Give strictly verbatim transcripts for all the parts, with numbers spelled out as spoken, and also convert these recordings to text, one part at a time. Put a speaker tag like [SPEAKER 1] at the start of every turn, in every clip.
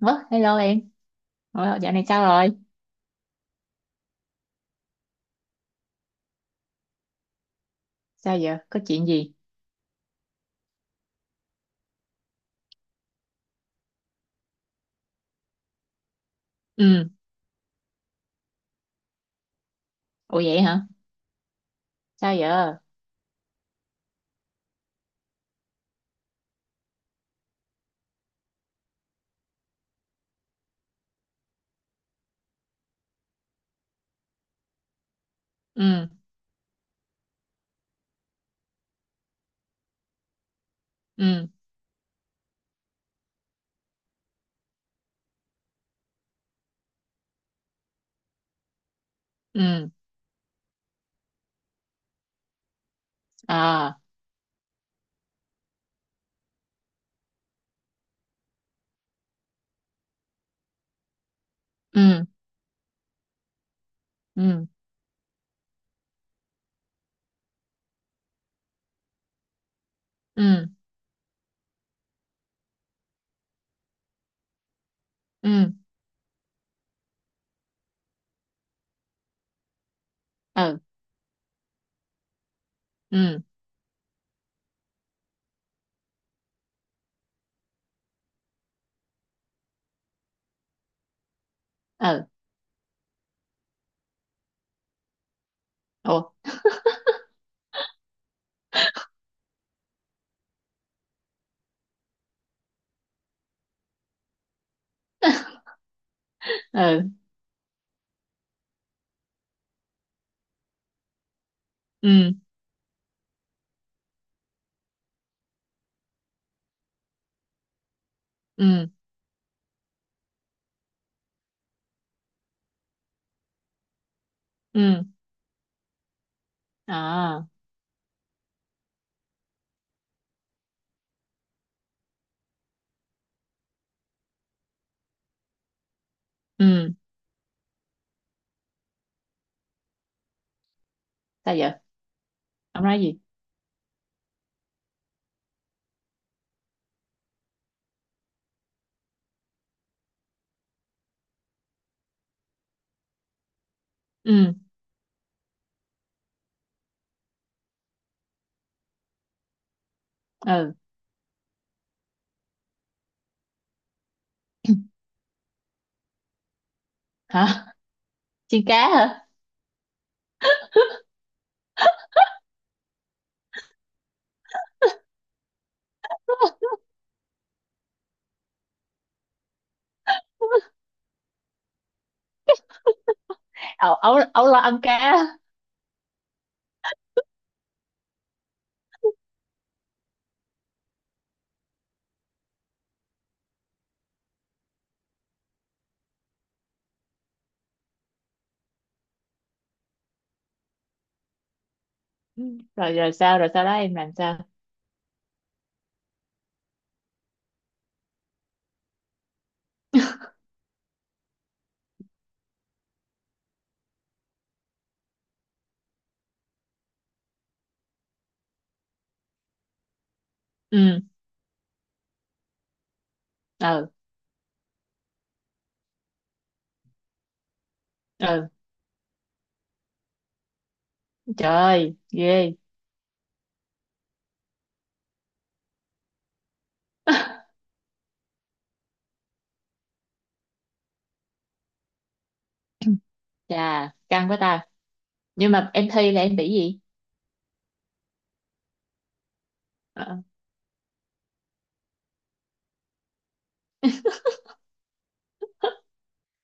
[SPEAKER 1] Ủa, hello em. Ờ, dạo này sao rồi? Sao giờ? Có chuyện gì? Ừ. Ủa vậy hả? Sao giờ? Ừ. Ừ. Ừ. À. Ừ. Ừ. Ừ. Ừ. Ừ. Ừ. Ừ. Ủa. Ừ. Ừ. Ừ. Ừ. À. Ừ. Sao giờ? Ông nói gì? Ừ. Ừ. Hả? Chiên cá hả? Ấu, ấu, ấu lo ăn cá á. Ừ. Rồi rồi sao? Rồi sau đó em làm sao? Ừ. Ừ. Ừ. Trời ơi. Ghê. Chà. Căng quá ta. Nhưng mà em thi là em bị gì? Ờ,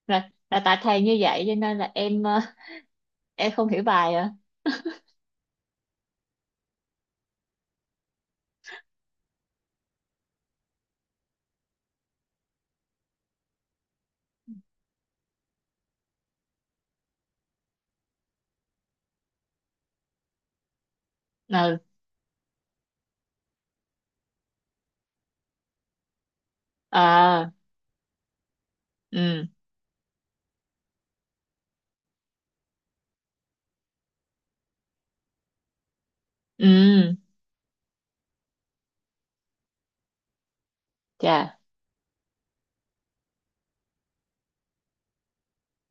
[SPEAKER 1] là, là tại thầy như vậy cho nên là em ờ, em không hiểu bài à? Ừ. À. Ừ. Ừ. Chà.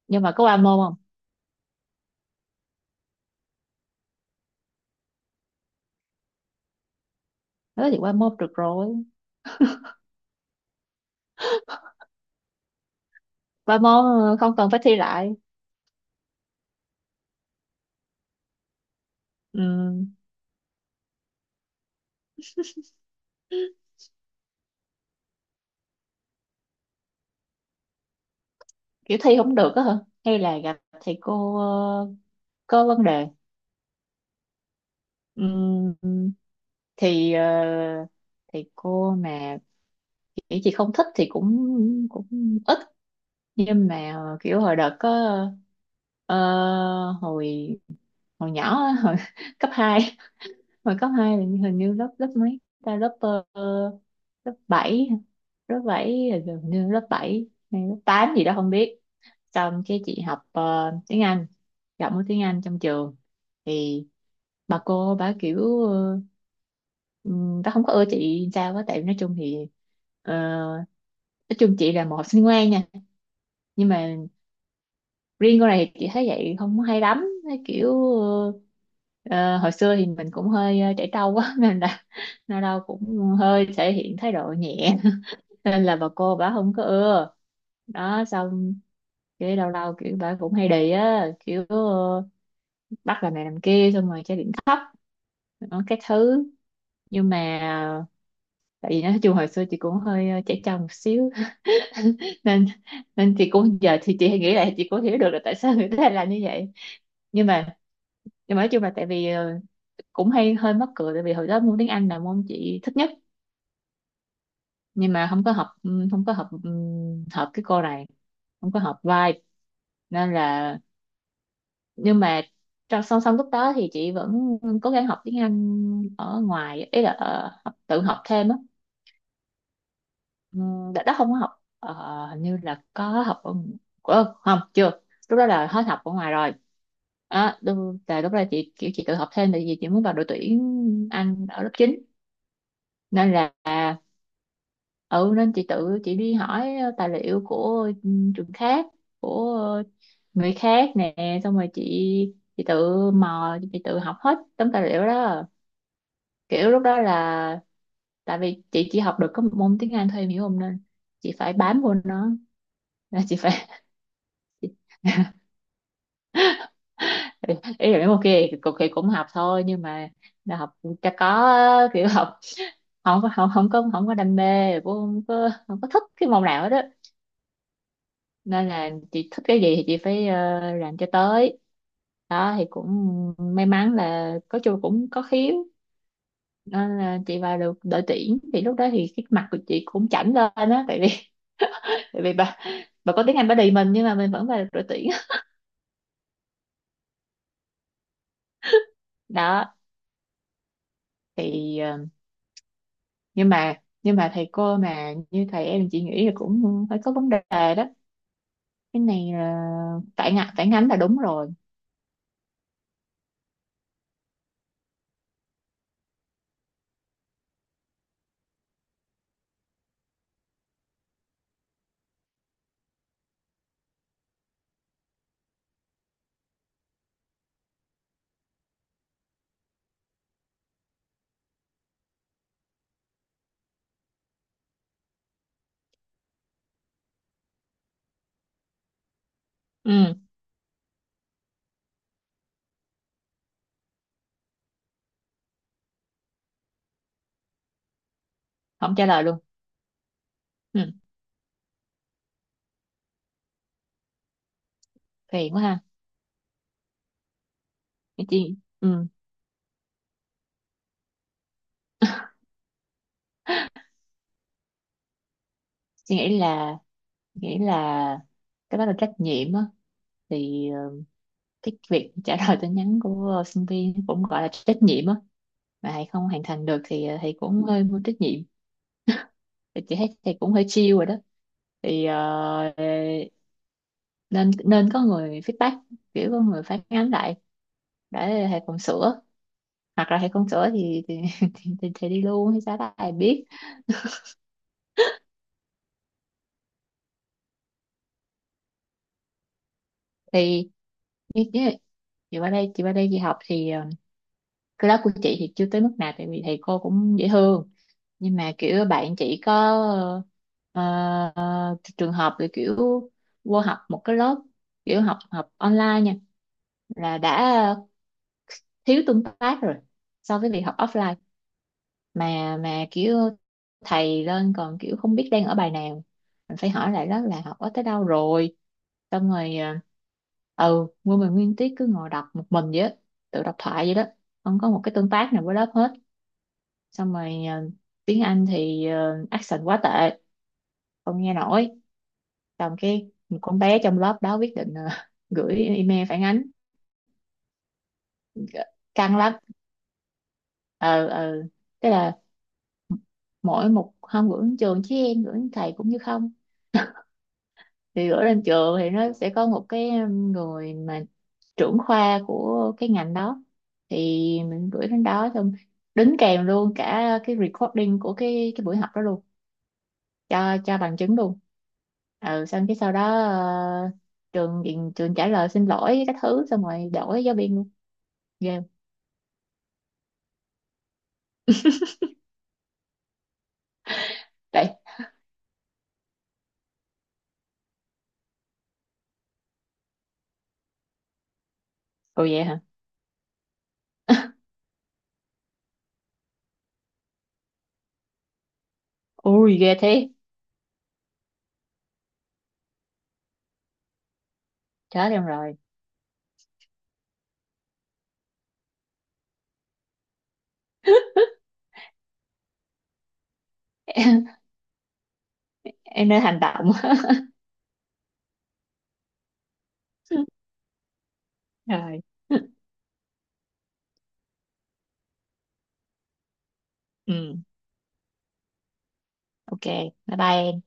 [SPEAKER 1] Nhưng mà có qua môn không? Nói thì qua môn được rồi. Qua môn, ờ, không cần phải thi lại. Ừ, kiểu thi không được á hả? Hay là gặp thầy cô, ờ, có vấn đề? Ừm, thì ờ, thì cô mà kiểu chị không thích thì cũng cũng ít. Nhưng mà kiểu hồi đợt có, ờ, hồi hồi nhỏ á, hồi cấp hai. Hồi cấp hai là hình như lớp lớp mấy ta, lớp, ờ, lớp bảy. Lớp bảy là hình như lớp bảy hay lớp tám gì đó không biết. Xong cái chị học, ờ, tiếng Anh, giọng của tiếng Anh trong trường, thì bà cô bà kiểu, ờ, ừm, bà không có ưa chị sao á, tại nói chung thì, ờ, nói chung chị là một học sinh ngoan nha. Nhưng mà riêng con này thì chị thấy vậy không hay lắm. Thấy kiểu ờ, ờ, hồi xưa thì mình cũng hơi ờ, trẻ trâu quá nên là nó đâu cũng hơi thể hiện thái độ nhẹ. Nên là bà cô bà không có ưa. Đó xong cái lâu lâu kiểu bà cũng hay đì á, kiểu ờ, bắt làm này làm kia xong rồi chơi điện thấp. Đó, các thứ. Nhưng mà tại vì nói chung hồi xưa chị cũng hơi ờ, trẻ trâu một xíu. nên nên chị cũng giờ thì chị nghĩ lại, chị cũng hiểu được là tại sao người ta lại làm như vậy. Nhưng mà nhưng mà nói chung là tại vì, ờ, cũng hay hơi mắc cười, tại vì hồi đó môn tiếng Anh là môn chị thích nhất. Nhưng mà không có hợp, ừ, không có hợp, ừ, hợp cái cô này, không có hợp vibe, nên là. Nhưng mà trong song song lúc đó thì chị vẫn cố gắng học tiếng Anh ở ngoài, ý là ờ, học, tự học thêm á. Ừ, đợt đó không có học, ờ, hình như là có học ở, ờ, không, chưa, lúc đó là hết học ở ngoài rồi. Đó, lúc, là lúc đó chị kiểu chị tự học thêm, tại vì chị muốn vào đội tuyển Anh ở lớp chín. Nên là ừ nên chị tự chị đi hỏi ờ, tài liệu của, ừ, trường khác, của ờ, người khác nè, xong rồi chị chị tự mò chị tự học hết tấm tài liệu đó. Kiểu lúc đó là tại vì chị chỉ học được có một môn tiếng Anh thôi, em hiểu không, nên chị phải bám vô nó, là chị phải. Ý là mấy môn kia thì cũng cũng học thôi, nhưng mà là học cho có á, kiểu học không có không, không có không có đam mê, cũng không có không có thích cái môn nào hết đó. Nên là chị thích cái gì thì chị phải, ờ, làm cho tới. Đó thì cũng may mắn là có chung cũng có khiếu. Nên là chị vào được đội tuyển, thì lúc đó thì cái mặt của chị cũng chảnh lên á, tại vì tại vì bà bà có tiếng Anh bà đì mình, nhưng mà mình vẫn vào được đội tuyển. Đó thì, ờ, nhưng mà nhưng mà thầy cô mà như thầy em chị nghĩ là cũng phải có vấn đề. Đó, cái này là phản ngã phản ánh là đúng rồi. Ừ, không trả lời luôn. Ừ, phiền quá ha chị. Ừ, chị nghĩ là nghĩ là cái đó là trách nhiệm á, thì ờ, cái việc trả lời tin nhắn của ờ, sinh viên cũng gọi là trách nhiệm á, mà thầy không hoàn thành được thì ờ, thầy cũng hơi vô trách nhiệm. Thì chị thấy thầy cũng hơi chill rồi đó. Thì ờ, nên nên có người feedback, kiểu có người phản ánh lại để thầy còn sửa, hoặc là thầy không sửa thì thì, thì, thì, thì đi luôn hay sao đó ai biết. Thì như như chị qua đây chị qua đây chị học thì, ờ, cái lớp của chị thì chưa tới mức nào, tại vì thầy cô cũng dễ thương. Nhưng mà kiểu bạn chỉ có, ờ, ờ, trường hợp là kiểu vô học một cái lớp, kiểu học học online nha, là đã thiếu tương tác rồi so với việc học offline. Mà mà kiểu thầy lên còn kiểu không biết đang ở bài nào, mình phải hỏi lại đó là học ở tới đâu rồi. Xong rồi ờ, ừ nguyên mình nguyên tiết cứ ngồi đọc một mình vậy á, tự đọc thoại vậy đó, không có một cái tương tác nào với lớp hết. Xong rồi, ờ, tiếng Anh thì ờ, accent quá tệ, không nghe nổi. Xong cái một con bé trong lớp đó quyết định, ờ, gửi email phản ánh. G- căng lắm. Ờ ờ tức là mỗi một hôm gửi đến trường chứ em gửi đến thầy cũng như không. Thì gửi lên trường thì nó sẽ có một cái, um, người mà trưởng khoa của cái ngành đó, thì mình gửi đến đó xong đính kèm luôn cả cái recording của cái cái buổi học đó luôn, cho cho bằng chứng luôn. Ừ, xong cái sau đó, ờ, trường viện- trường trả lời xin lỗi các thứ, xong rồi đổi giáo viên luôn. Ghê không? Đấy. Ồ, vậy hả? Ui, ghê thế. Chết em rồi. em em nên hành động. Rồi. Ừ. OK. Bye bye em.